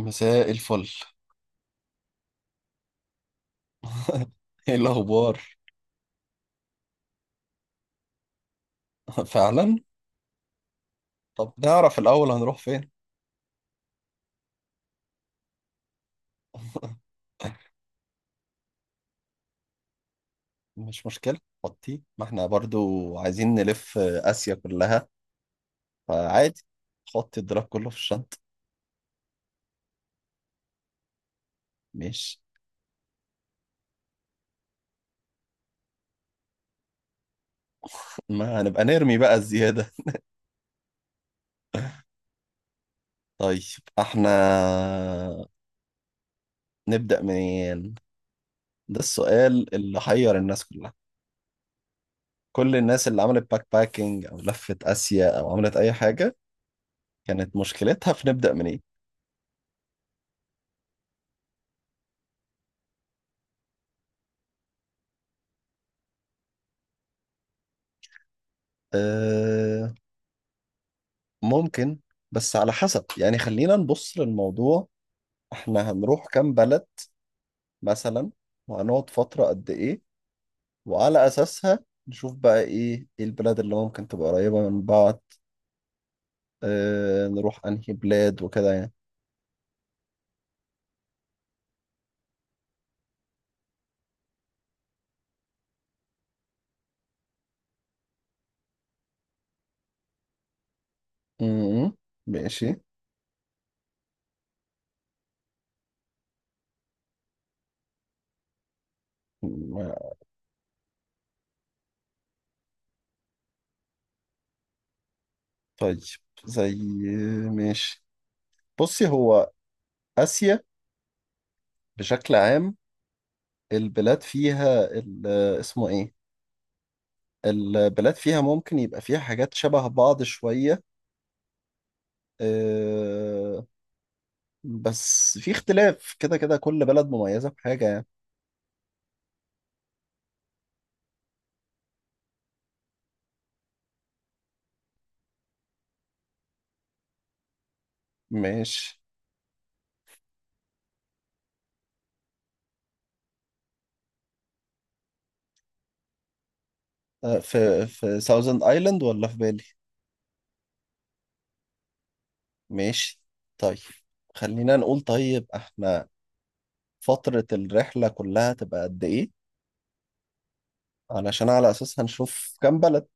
مساء الفل. ايه الاخبار؟ فعلا. طب نعرف الاول هنروح فين؟ مش مشكله. خطي ما احنا برضو عايزين نلف اسيا كلها، فعادي. خط الدراب كله في الشنطه. مش. ما هنبقى نرمي بقى الزياده. طيب احنا نبدا منين؟ ده السؤال اللي حير الناس كلها. كل الناس اللي عملت باك باكينج او لفت اسيا او عملت اي حاجه كانت مشكلتها في نبدا منين. آه، ممكن، بس على حسب يعني خلينا نبص للموضوع. احنا هنروح كام بلد مثلا؟ وهنقعد فترة قد ايه؟ وعلى اساسها نشوف بقى ايه ايه البلاد اللي ممكن تبقى قريبة من بعض. اه نروح انهي بلاد وكده يعني. امم. ماشي. ما- طيب زي ماشي بصي هو اسيا بشكل عام، البلاد فيها اسمه ايه؟ البلاد فيها ممكن يبقى فيها حاجات شبه بعض شوية. آه، بس في اختلاف كده كده كل بلد مميزة بحاجة يعني. ماشي. في ساوزند ايلاند ولا في بالي؟ ماشي. طيب خلينا نقول، طيب احنا فترة الرحلة كلها تبقى قد ايه؟ علشان على اساس هنشوف كام بلد.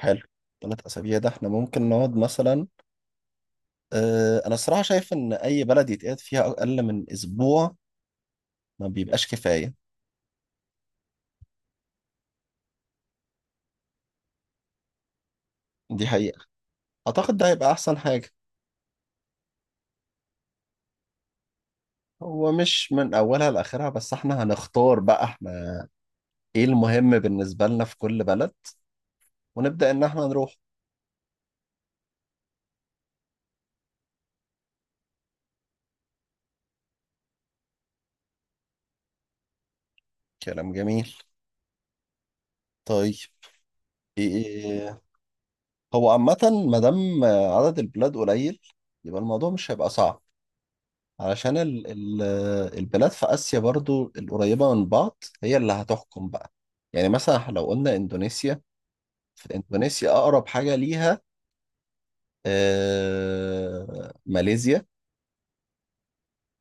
حلو. 3 اسابيع ده احنا ممكن نقعد مثلا. اه انا الصراحة شايف ان اي بلد يتقعد فيها اقل من اسبوع ما بيبقاش كفاية. دي حقيقة. اعتقد ده هيبقى احسن حاجة. هو مش من اولها لاخرها، بس احنا هنختار بقى احنا ايه المهم بالنسبة لنا في كل بلد ونبدأ ان احنا نروح. كلام جميل. طيب. إيه. هو عامة، ما دام عدد البلاد قليل يبقى الموضوع مش هيبقى صعب. علشان ال البلاد في آسيا برضو القريبة من بعض هي اللي هتحكم بقى. يعني مثلا إحنا لو قلنا اندونيسيا، فاندونيسيا اقرب حاجة ليها ماليزيا.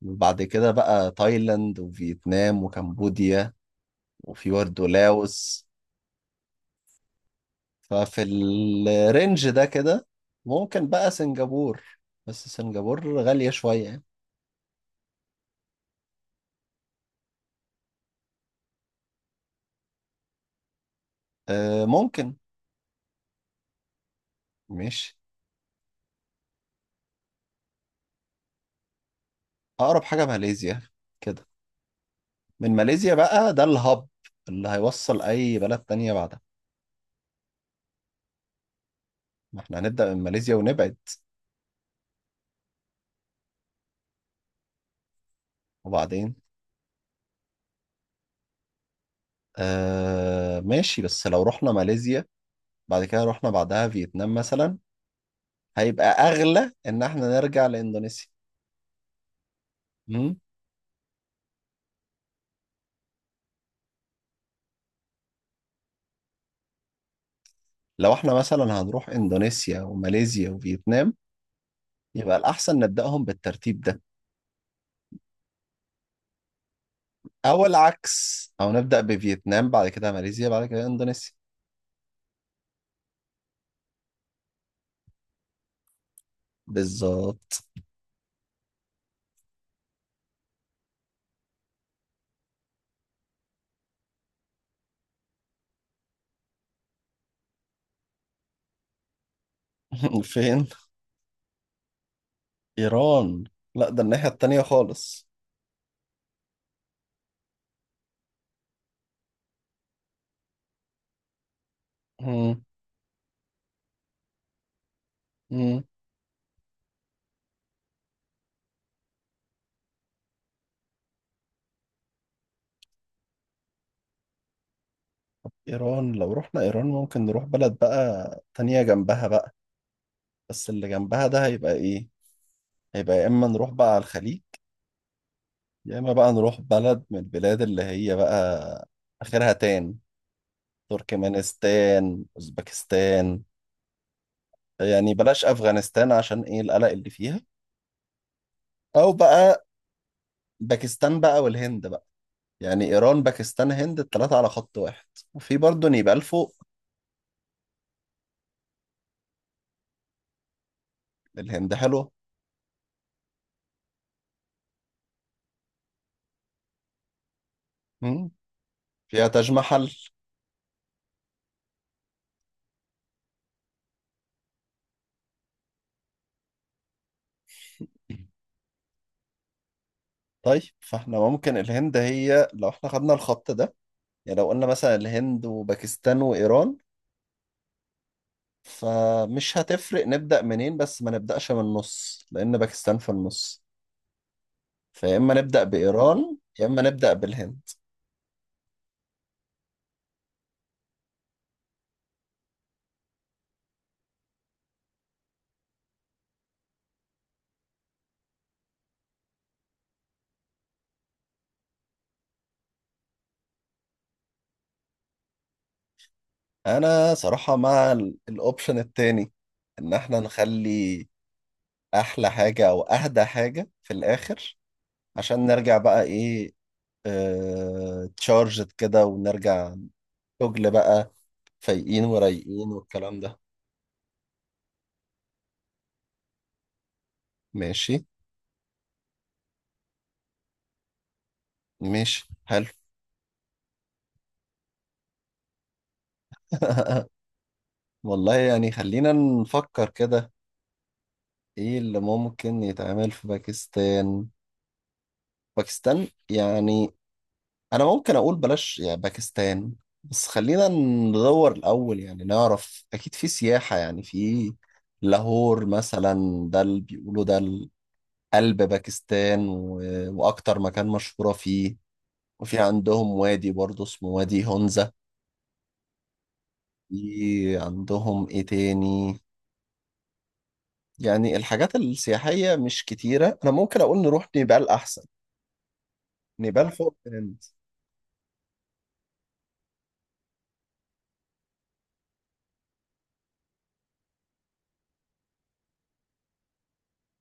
وبعد كده بقى تايلاند وفيتنام وكمبوديا، وفي برضه لاوس. ففي الرينج ده كده ممكن بقى سنغافور، بس سنغافور غالية شوية يعني. أه ممكن. ماشي. أقرب حاجة ماليزيا كده. من ماليزيا بقى ده الهب اللي هيوصل أي بلد تانية بعدها. ما احنا هنبدأ من ماليزيا ونبعد. وبعدين أه ماشي، بس لو رحنا ماليزيا بعد كده رحنا بعدها فيتنام مثلا، هيبقى أغلى إن احنا نرجع لإندونيسيا. مم؟ لو احنا مثلا هنروح إندونيسيا وماليزيا وفيتنام يبقى الأحسن نبدأهم بالترتيب ده. أو العكس، أو نبدأ بفيتنام بعد كده ماليزيا بعد كده إندونيسيا. بالظبط. فين؟ إيران. لا ده الناحية التانية خالص. مم. مم. إيران لو رحنا إيران ممكن نروح بلد بقى تانية جنبها بقى. بس اللي جنبها ده هيبقى إيه؟ هيبقى يا إما نروح بقى على الخليج، يا إما بقى نروح بلد من البلاد اللي هي بقى آخرها تركمانستان أوزبكستان. يعني بلاش افغانستان عشان ايه القلق اللي فيها. او بقى باكستان بقى والهند بقى. يعني ايران باكستان هند الثلاثه على خط واحد. وفي برضه نيبال فوق. الهند حلوه. مم. فيها تاج محل. طيب فاحنا ممكن الهند هي لو احنا خدنا الخط ده، يعني لو قلنا مثلا الهند وباكستان وايران فمش هتفرق نبدأ منين، بس ما نبدأش من النص لأن باكستان في النص. فيا إما نبدأ بإيران يا إما نبدأ بالهند. انا صراحة مع الاوبشن التاني، ان احنا نخلي احلى حاجة او اهدى حاجة في الاخر عشان نرجع بقى ايه، اه تشارجد كده ونرجع شغل بقى، فايقين ورايقين والكلام ده. ماشي. ماشي حلو. والله يعني خلينا نفكر كده. ايه اللي ممكن يتعمل في باكستان؟ باكستان يعني انا ممكن اقول بلاش يعني باكستان، بس خلينا ندور الاول يعني نعرف اكيد في سياحة، يعني في لاهور مثلا، ده اللي بيقولوا ده قلب باكستان و... واكتر مكان مشهورة فيه. وفي عندهم وادي برضه اسمه وادي هونزا. في عندهم ايه تاني؟ يعني الحاجات السياحية مش كتيرة، انا ممكن اقول نروح نيبال احسن. نيبال فوق.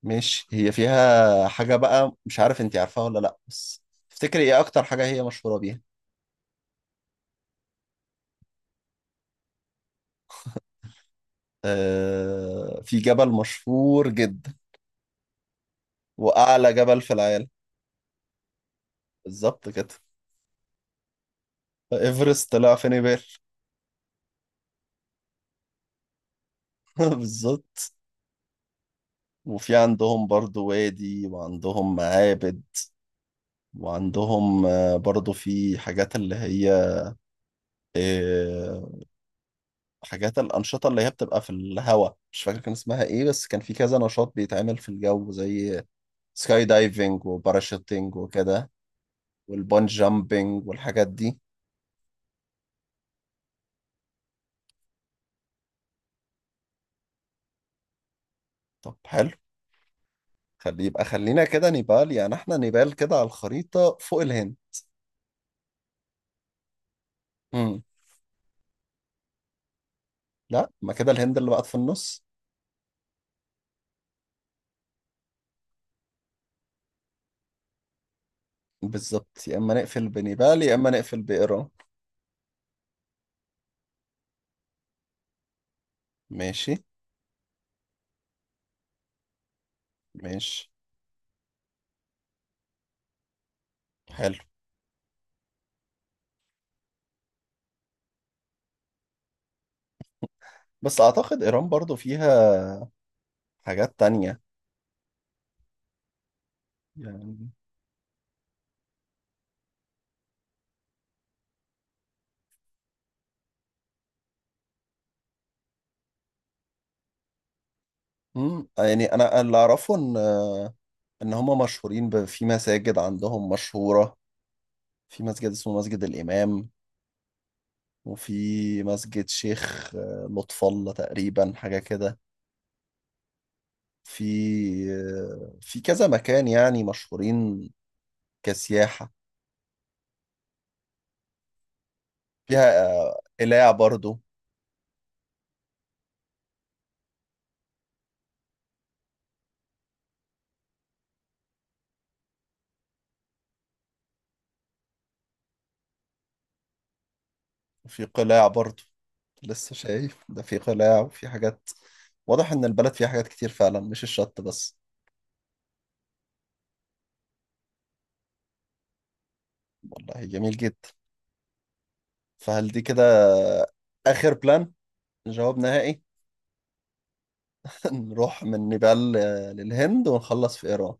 ماشي هي فيها حاجة بقى مش عارف انتي عارفاها ولا لأ، بس تفتكري ايه أكتر حاجة هي مشهورة بيها؟ آه في جبل مشهور جدا، وأعلى جبل في العالم. بالظبط كده. إيفرست طلع في نيبال. بالظبط. وفي عندهم برضو وادي وعندهم معابد. وعندهم برضو في حاجات اللي هي آه، حاجات الأنشطة اللي هي بتبقى في الهواء، مش فاكر كان اسمها ايه، بس كان في كذا نشاط بيتعمل في الجو، زي سكاي دايفنج وباراشوتنج وكده، والبونج جامبنج والحاجات دي. طب حلو. خلي يبقى خلينا كده نيبال. يعني احنا نيبال كده على الخريطة فوق الهند. امم. لا ما كده الهند اللي بقت في النص. بالظبط يا اما نقفل بنيبال يا اما نقفل بايران. ماشي. ماشي حلو. بس اعتقد ايران برضو فيها حاجات تانية يعني. يعني انا اللي اعرفه ان هم مشهورين في مساجد عندهم مشهورة. في مسجد اسمه مسجد الامام، وفي مسجد شيخ لطف الله تقريبا حاجة كده. في في كذا مكان يعني مشهورين كسياحة. فيها قلاع برضو. وفي قلاع برضو لسه شايف ده، في قلاع وفي حاجات. واضح إن البلد فيها حاجات كتير فعلا مش الشط بس. والله جميل جدا. فهل دي كده آخر بلان؟ جواب نهائي. نروح من نيبال للهند ونخلص في إيران.